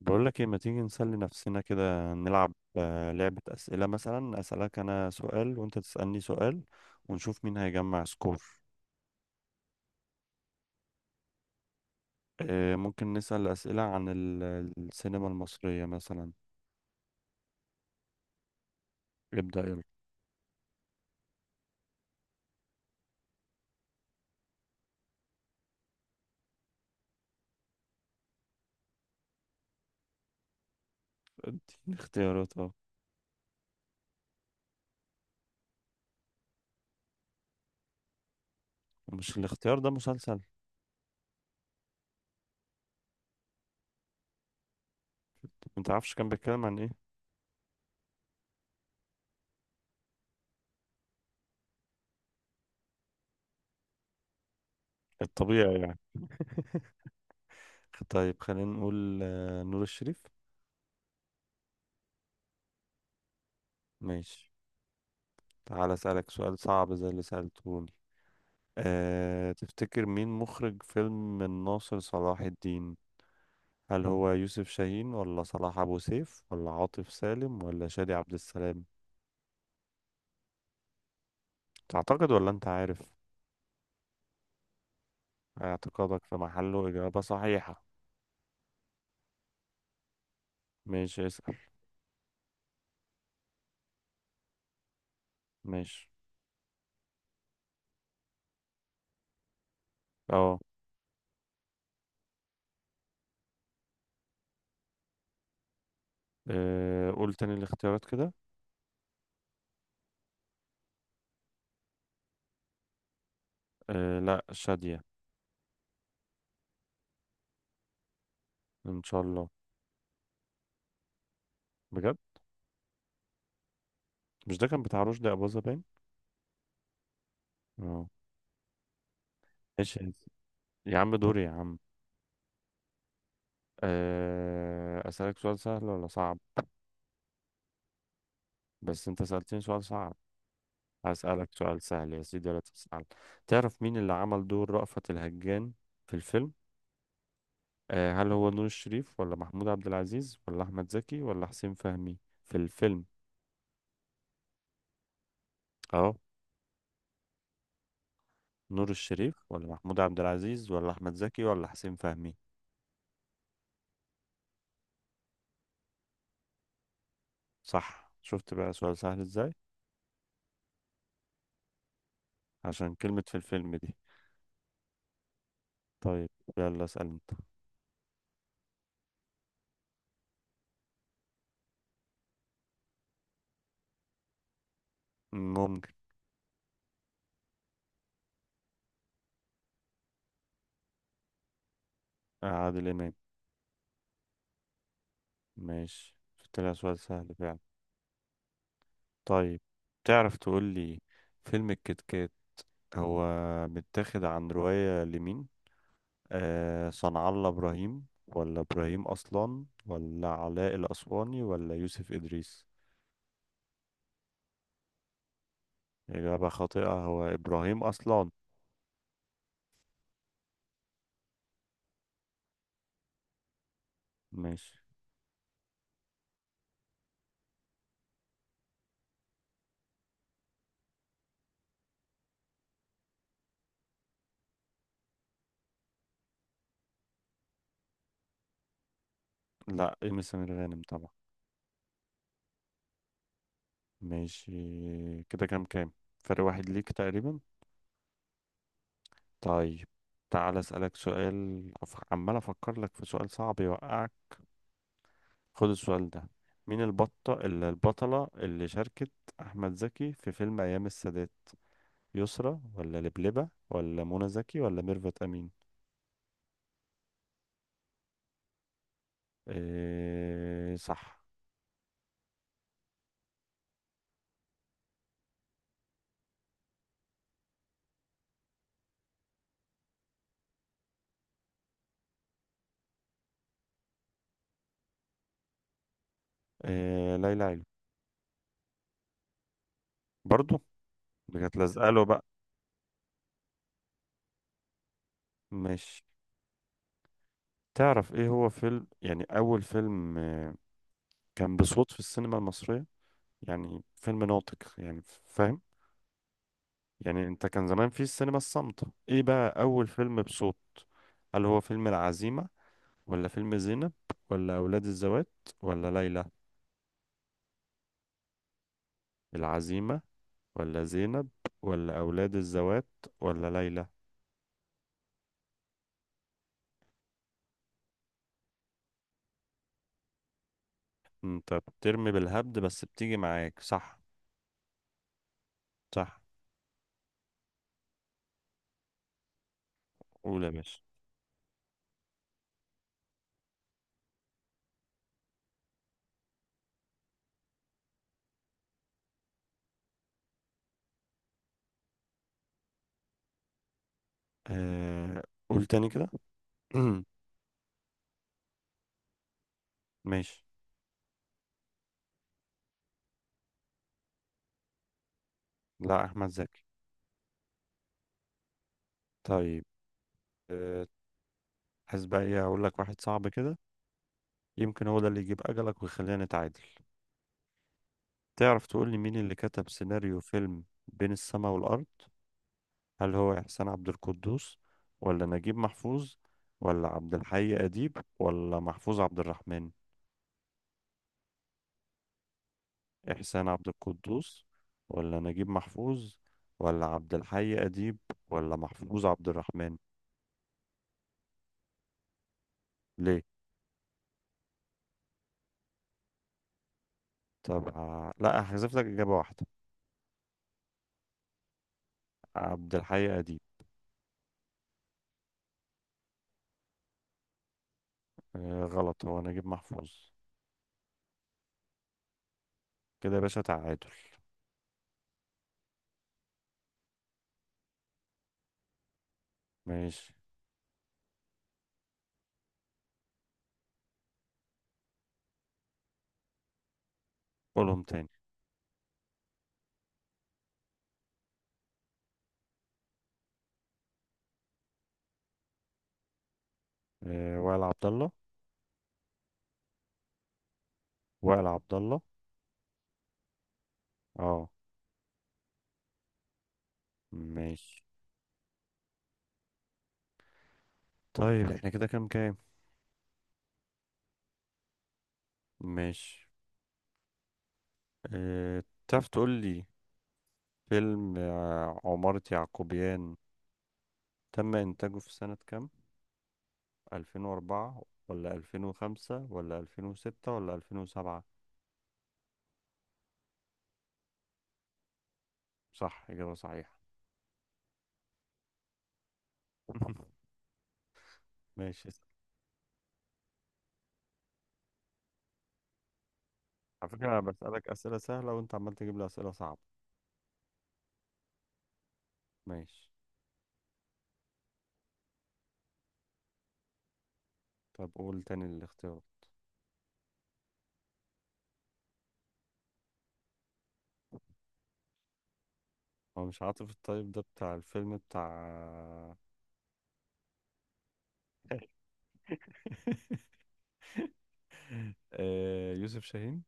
بقول لك ايه؟ ما تيجي نسلي نفسنا كده؟ نلعب لعبة أسئلة مثلا، أسألك أنا سؤال وأنت تسألني سؤال، ونشوف مين هيجمع سكور. ممكن نسأل أسئلة عن السينما المصرية مثلا. ابدأ يلا. اديني اختيارات اه. مش الاختيار ده مسلسل؟ ما تعرفش كان بيتكلم عن ايه؟ الطبيعي يعني. طيب خلينا نقول نور الشريف. ماشي. تعال أسألك سؤال صعب زي اللي سألتهوني. تفتكر مين مخرج فيلم الناصر صلاح الدين؟ هل هو يوسف شاهين ولا صلاح أبو سيف ولا عاطف سالم ولا شادي عبد السلام؟ تعتقد ولا أنت عارف؟ اعتقادك في محله، إجابة صحيحة. ماشي اسأل. ماشي. اه. قول تاني الاختيارات كده. لا، شادية. إن شاء الله. بجد؟ مش ده كان بتاع رشدي أباظة باين؟ اه. ماشي يا يا عم، دوري يا عم. أسألك سؤال سهل ولا صعب؟ بس أنت سألتني سؤال صعب. هسألك سؤال سهل يا سيدي ولا تسأل؟ تعرف مين اللي عمل دور رأفت الهجان في الفيلم؟ هل هو نور الشريف ولا محمود عبد العزيز ولا أحمد زكي ولا حسين فهمي؟ في الفيلم. أهو. نور الشريف ولا محمود عبد العزيز ولا أحمد زكي ولا حسين فهمي؟ صح، شفت بقى سؤال سهل إزاي. عشان كلمة في الفيلم دي. طيب، يلا اسأل أنت. ممكن. عادل إمام. ماشي، شفت لها سؤال سهل فعلا. طيب تعرف تقول لي فيلم الكتكات هو متاخد عن رواية لمين؟ صنع الله إبراهيم ولا إبراهيم أصلان ولا علاء الأسواني ولا يوسف إدريس؟ إجابة خاطئة، هو إبراهيم أصلان. ماشي. لا، إيمي سمير غانم طبعا. ماشي. كده كام كام؟ فرق واحد ليك تقريبا. طيب تعال أسألك سؤال عمال أفكر لك في سؤال صعب يوقعك. خد السؤال ده. مين البطة البطلة اللي شاركت أحمد زكي في فيلم أيام السادات؟ يسرى ولا لبلبة ولا منى زكي ولا ميرفت أمين؟ إيه صح. إيه، ليلى علوي. برضو؟ دي كانت لازقة له بقى. مش تعرف ايه هو فيلم يعني أول فيلم كان بصوت في السينما المصرية؟ يعني فيلم ناطق، يعني فاهم. يعني انت كان زمان في السينما الصامتة، ايه بقى أول فيلم بصوت؟ هل هو فيلم العزيمة ولا فيلم زينب ولا أولاد الذوات ولا ليلى؟ العزيمة ولا زينب ولا أولاد الذوات ولا ليلى؟ أنت بترمي بالهبد بس بتيجي معاك، صح. صح. قول يا باشا. آه... قول تاني كده. ماشي. لا، أحمد زكي. طيب. آه، عايز بقى إيه؟ أقول لك واحد صعب كده، يمكن هو ده اللي يجيب أجلك ويخلينا نتعادل. تعرف تقول لي مين اللي كتب سيناريو فيلم بين السماء والأرض؟ هل هو إحسان عبد القدوس ولا نجيب محفوظ ولا عبد الحي أديب ولا محفوظ عبد الرحمن؟ إحسان عبد القدوس ولا نجيب محفوظ ولا عبد الحي أديب ولا محفوظ عبد الرحمن؟ ليه؟ طب لا، هحذف لك إجابة واحدة. عبد الحي أديب. آه غلط، هو نجيب محفوظ. كده يا باشا تعادل. ماشي. قولهم تاني. آه، وائل عبد الله. وائل عبد الله. اه. ماشي. طيب احنا كده كام كام؟ ماشي. تعرف تقول لي فيلم عمارة يعقوبيان تم إنتاجه في سنة كام؟ 2004 ولا 2005 ولا 2006 ولا 2007؟ صح، إجابة صحيحة. ماشي. على فكرة أنا بسألك أسئلة سهلة وأنت عمال تجيب لي أسئلة صعبة. ماشي. طب قول تاني الاختيار. هو مش عاطف الطيب ده بتاع الفيلم بتاع. يوسف شاهين.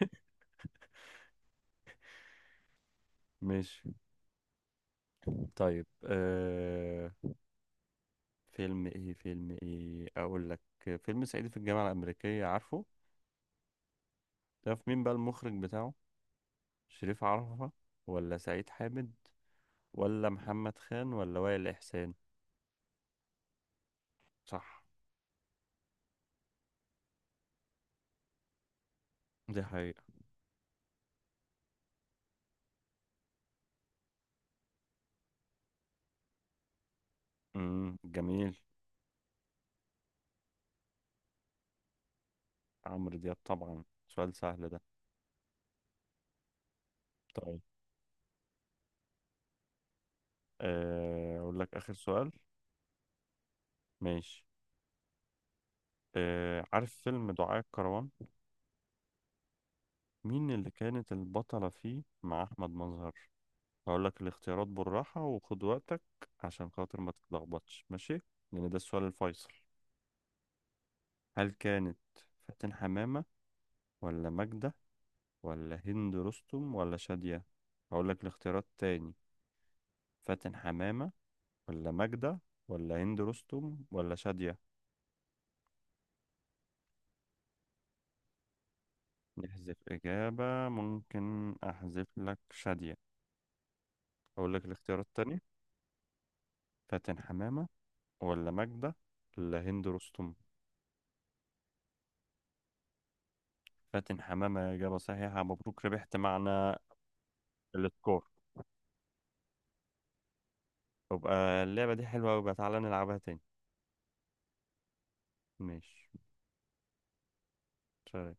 ماشي. طيب فيلم ايه، فيلم ايه اقول لك. فيلم صعيدي في الجامعة الأمريكية، عارفه؟ تعرف مين بقى المخرج بتاعه؟ شريف عرفة ولا سعيد حامد ولا محمد خان ولا وائل إحسان؟ صح. دي حقيقة. جميل. عمرو دياب طبعا، سؤال سهل ده. طيب أقول لك آخر سؤال. ماشي. عارف فيلم دعاء الكروان؟ مين اللي كانت البطلة فيه مع أحمد مظهر؟ هقول لك الاختيارات بالراحة وخد وقتك عشان خاطر ما تتلخبطش ماشي، لأن ده السؤال الفيصل. هل كانت فاتن حمامة ولا ماجدة ولا هند رستم ولا شادية؟ هقول لك الاختيارات تاني. فاتن حمامة ولا ماجدة ولا هند رستم ولا شادية؟ نحذف إجابة، ممكن أحذف لك شادية. هقول لك الاختيارات تاني. فاتن حمامة ولا ماجدة ولا هند رستم؟ فاتن حمامة، إجابة صحيحة، مبروك، ربحت معنا السكور. يبقى اللعبة دي حلوة، وبقى تعالى نلعبها تاني. ماشي. سلام.